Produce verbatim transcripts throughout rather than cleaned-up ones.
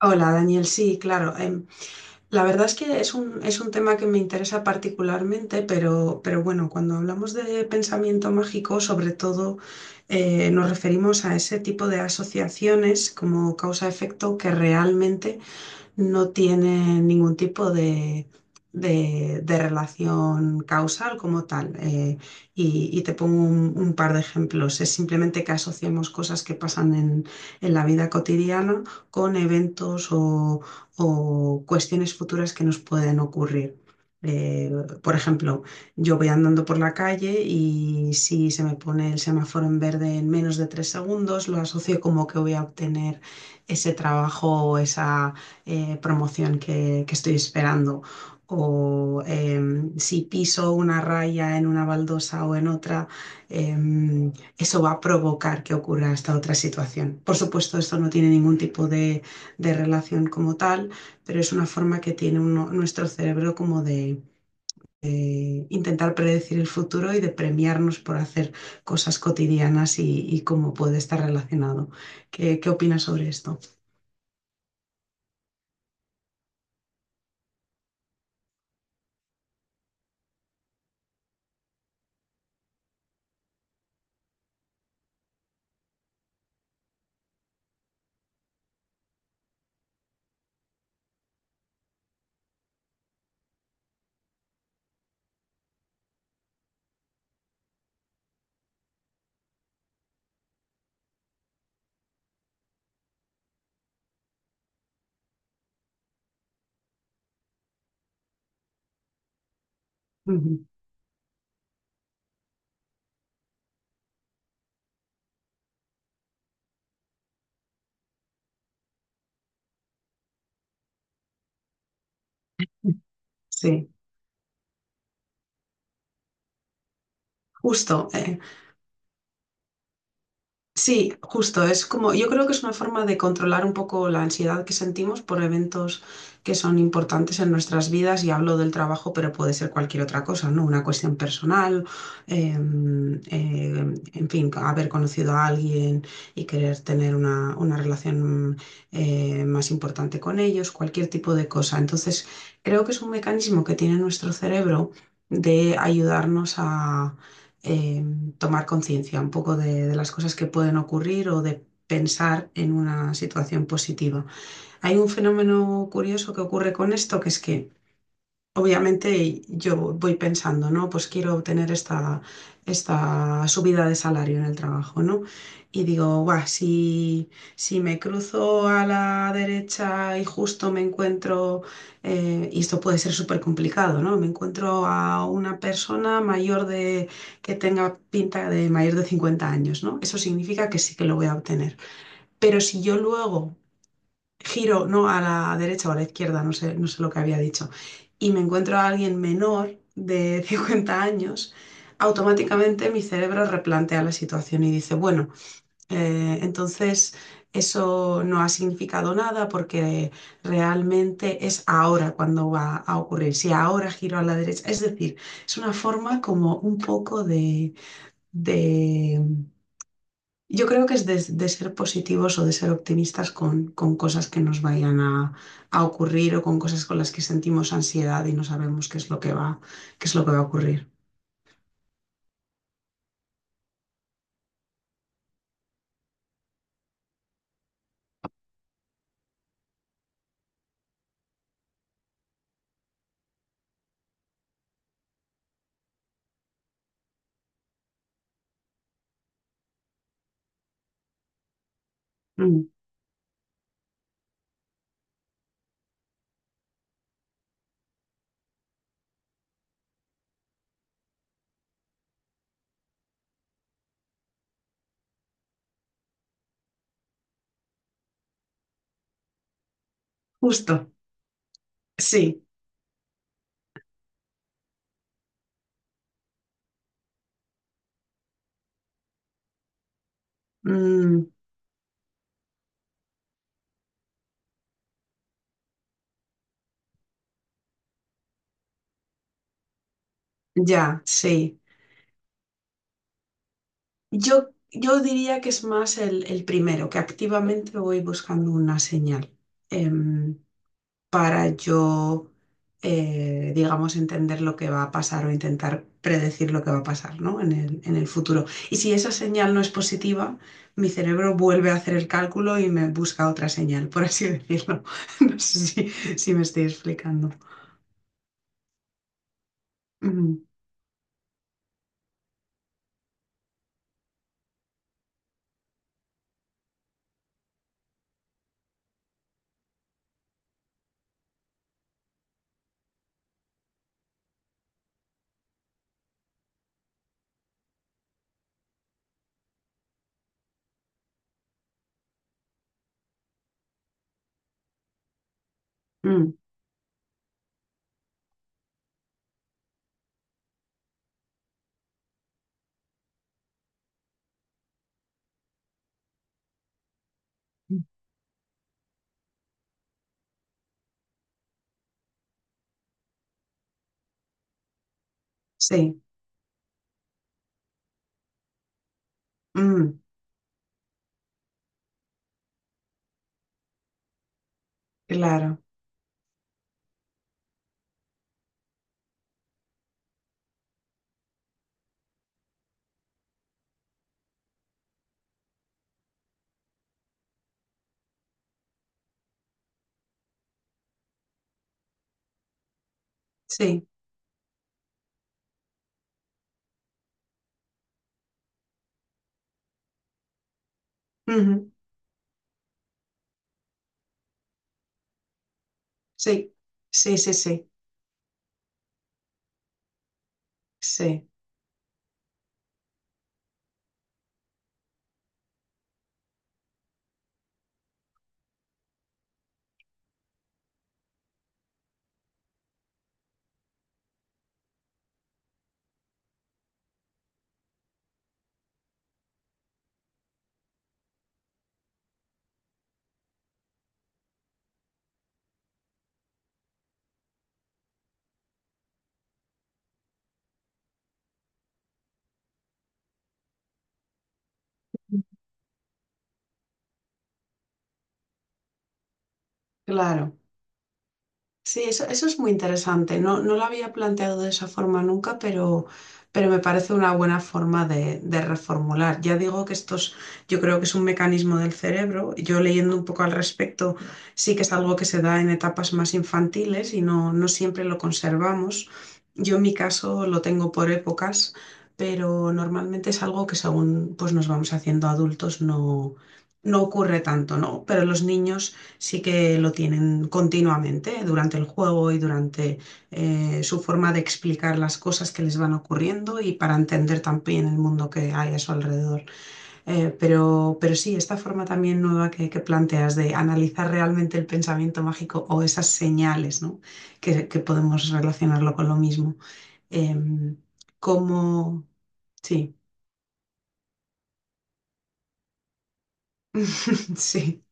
Hola Daniel, sí, claro. Em, la verdad es que es un, es un tema que me interesa particularmente, pero, pero bueno, cuando hablamos de pensamiento mágico, sobre todo eh, nos referimos a ese tipo de asociaciones como causa-efecto que realmente no tienen ningún tipo de, de, de relación causal como tal. Eh, y, y te pongo un, un par de ejemplos. Es simplemente que asociemos cosas que pasan en, en la vida cotidiana con eventos o, o cuestiones futuras que nos pueden ocurrir. Eh, por ejemplo, yo voy andando por la calle y si se me pone el semáforo en verde en menos de tres segundos, lo asocio como que voy a obtener ese trabajo o esa, eh, promoción que, que estoy esperando o em, si piso una raya en una baldosa o en otra, em, eso va a provocar que ocurra esta otra situación. Por supuesto, esto no tiene ningún tipo de, de relación como tal, pero es una forma que tiene uno- nuestro cerebro como de, de intentar predecir el futuro y de premiarnos por hacer cosas cotidianas y, y cómo puede estar relacionado. ¿Qué, qué opinas sobre esto? Ujú. Sí. Justo, eh, sí, justo. Es como, yo creo que es una forma de controlar un poco la ansiedad que sentimos por eventos que son importantes en nuestras vidas, y hablo del trabajo, pero puede ser cualquier otra cosa, ¿no? Una cuestión personal, eh, eh, en fin, haber conocido a alguien y querer tener una, una relación eh, más importante con ellos, cualquier tipo de cosa. Entonces, creo que es un mecanismo que tiene nuestro cerebro de ayudarnos a... em, tomar conciencia un poco de, de, las cosas que pueden ocurrir o de pensar en una situación positiva. Hay un fenómeno curioso que ocurre con esto, que es que obviamente yo voy pensando, ¿no? Pues quiero obtener esta, esta subida de salario en el trabajo, ¿no? Y digo, buah, si, si me cruzo a la derecha y justo me encuentro, eh, y esto puede ser súper complicado, ¿no? Me encuentro a una persona mayor de, que tenga pinta de mayor de cincuenta años, ¿no? Eso significa que sí que lo voy a obtener. Pero si yo luego giro, no, a la derecha o a la izquierda, no sé, no sé lo que había dicho, y me encuentro a alguien menor de cincuenta años, automáticamente mi cerebro replantea la situación y dice, bueno, eh, entonces eso no ha significado nada porque realmente es ahora cuando va a ocurrir, si ahora giro a la derecha, es decir, es una forma como un poco de... de yo creo que es de, de ser positivos o de ser optimistas con, con cosas que nos vayan a, a ocurrir o con cosas con las que sentimos ansiedad y no sabemos qué es lo que va, qué es lo que va a ocurrir. Mm, justo, sí, mm, ya, sí. Yo, yo diría que es más el, el primero, que activamente voy buscando una señal. Em, para yo, eh, digamos, entender lo que va a pasar o intentar predecir lo que va a pasar, ¿no? En el, en el futuro. Y si esa señal no es positiva, mi cerebro vuelve a hacer el cálculo y me busca otra señal, por así decirlo. No sé si, si me estoy explicando. Mm, mm, sí, mm, claro, sí, ujú, sí, sí, sí, sí, sí, claro. Sí, eso, eso es muy interesante. No, no lo había planteado de esa forma nunca, pero, pero me parece una buena forma de, de reformular. Ya digo que esto es- yo creo que es un mecanismo del cerebro. Yo leyendo un poco al respecto, sí que es algo que se da en etapas más infantiles y no, no siempre lo conservamos. Yo en mi caso lo tengo por épocas, pero normalmente es algo que según pues, nos vamos haciendo adultos no, no ocurre tanto, ¿no? Pero los niños sí que lo tienen continuamente durante el juego y durante eh, su forma de explicar las cosas que les van ocurriendo y para entender también el mundo que hay a su alrededor. Eh, pero, pero sí, esta forma también nueva que, que, planteas de analizar realmente el pensamiento mágico o esas señales, ¿no? que, que, podemos relacionarlo con lo mismo. Eh, Como... sí, sí.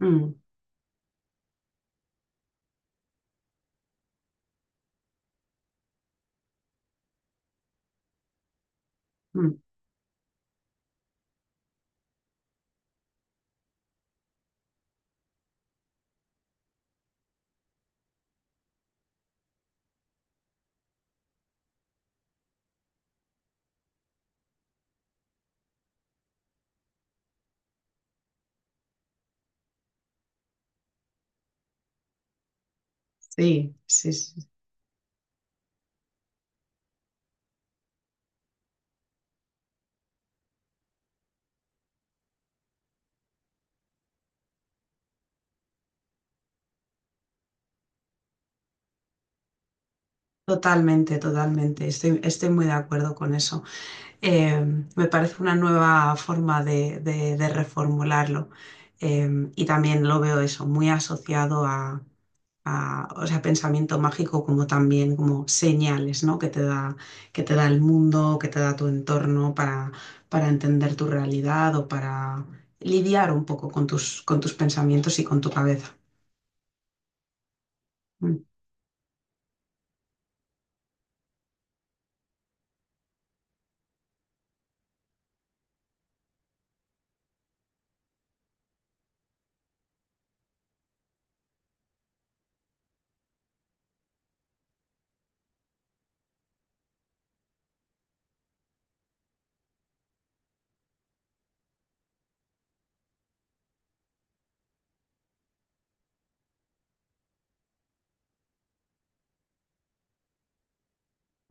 Mm, mm, sí, sí, sí. Totalmente, totalmente. Estoy, estoy muy de acuerdo con eso. Eh, Me parece una nueva forma de, de- de reformularlo. Eh, y también lo veo eso, muy asociado a, a, o sea, pensamiento mágico como también como señales, ¿no? Que te da, que te da el mundo, que te da tu entorno para, para entender tu realidad o para lidiar un poco con tus, con tus pensamientos y con tu cabeza. Mm.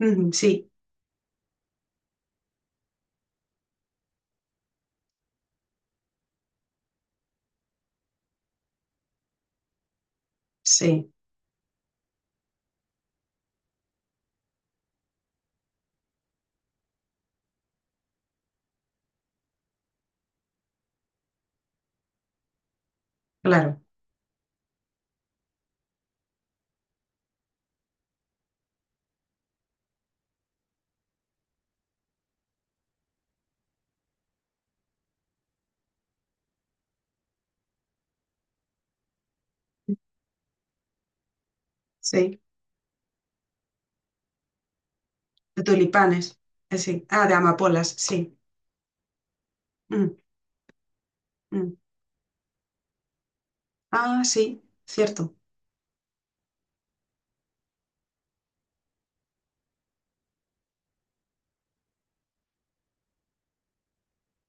Ujú, sí, sí, claro, sí. De tulipanes, eh, sí. Ah, de amapolas, sí. Mm, mm. Ah, sí, cierto.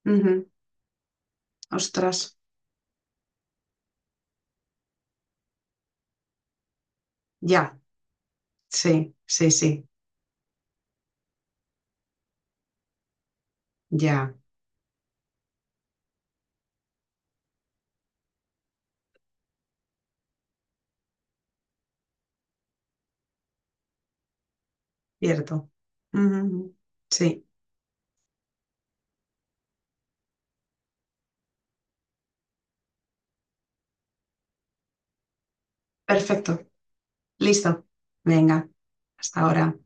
Ujú. Ostras, ya, sí, sí, sí, ya, cierto. Ujú, ujú. Sí, perfecto, listo. Venga, hasta ahora.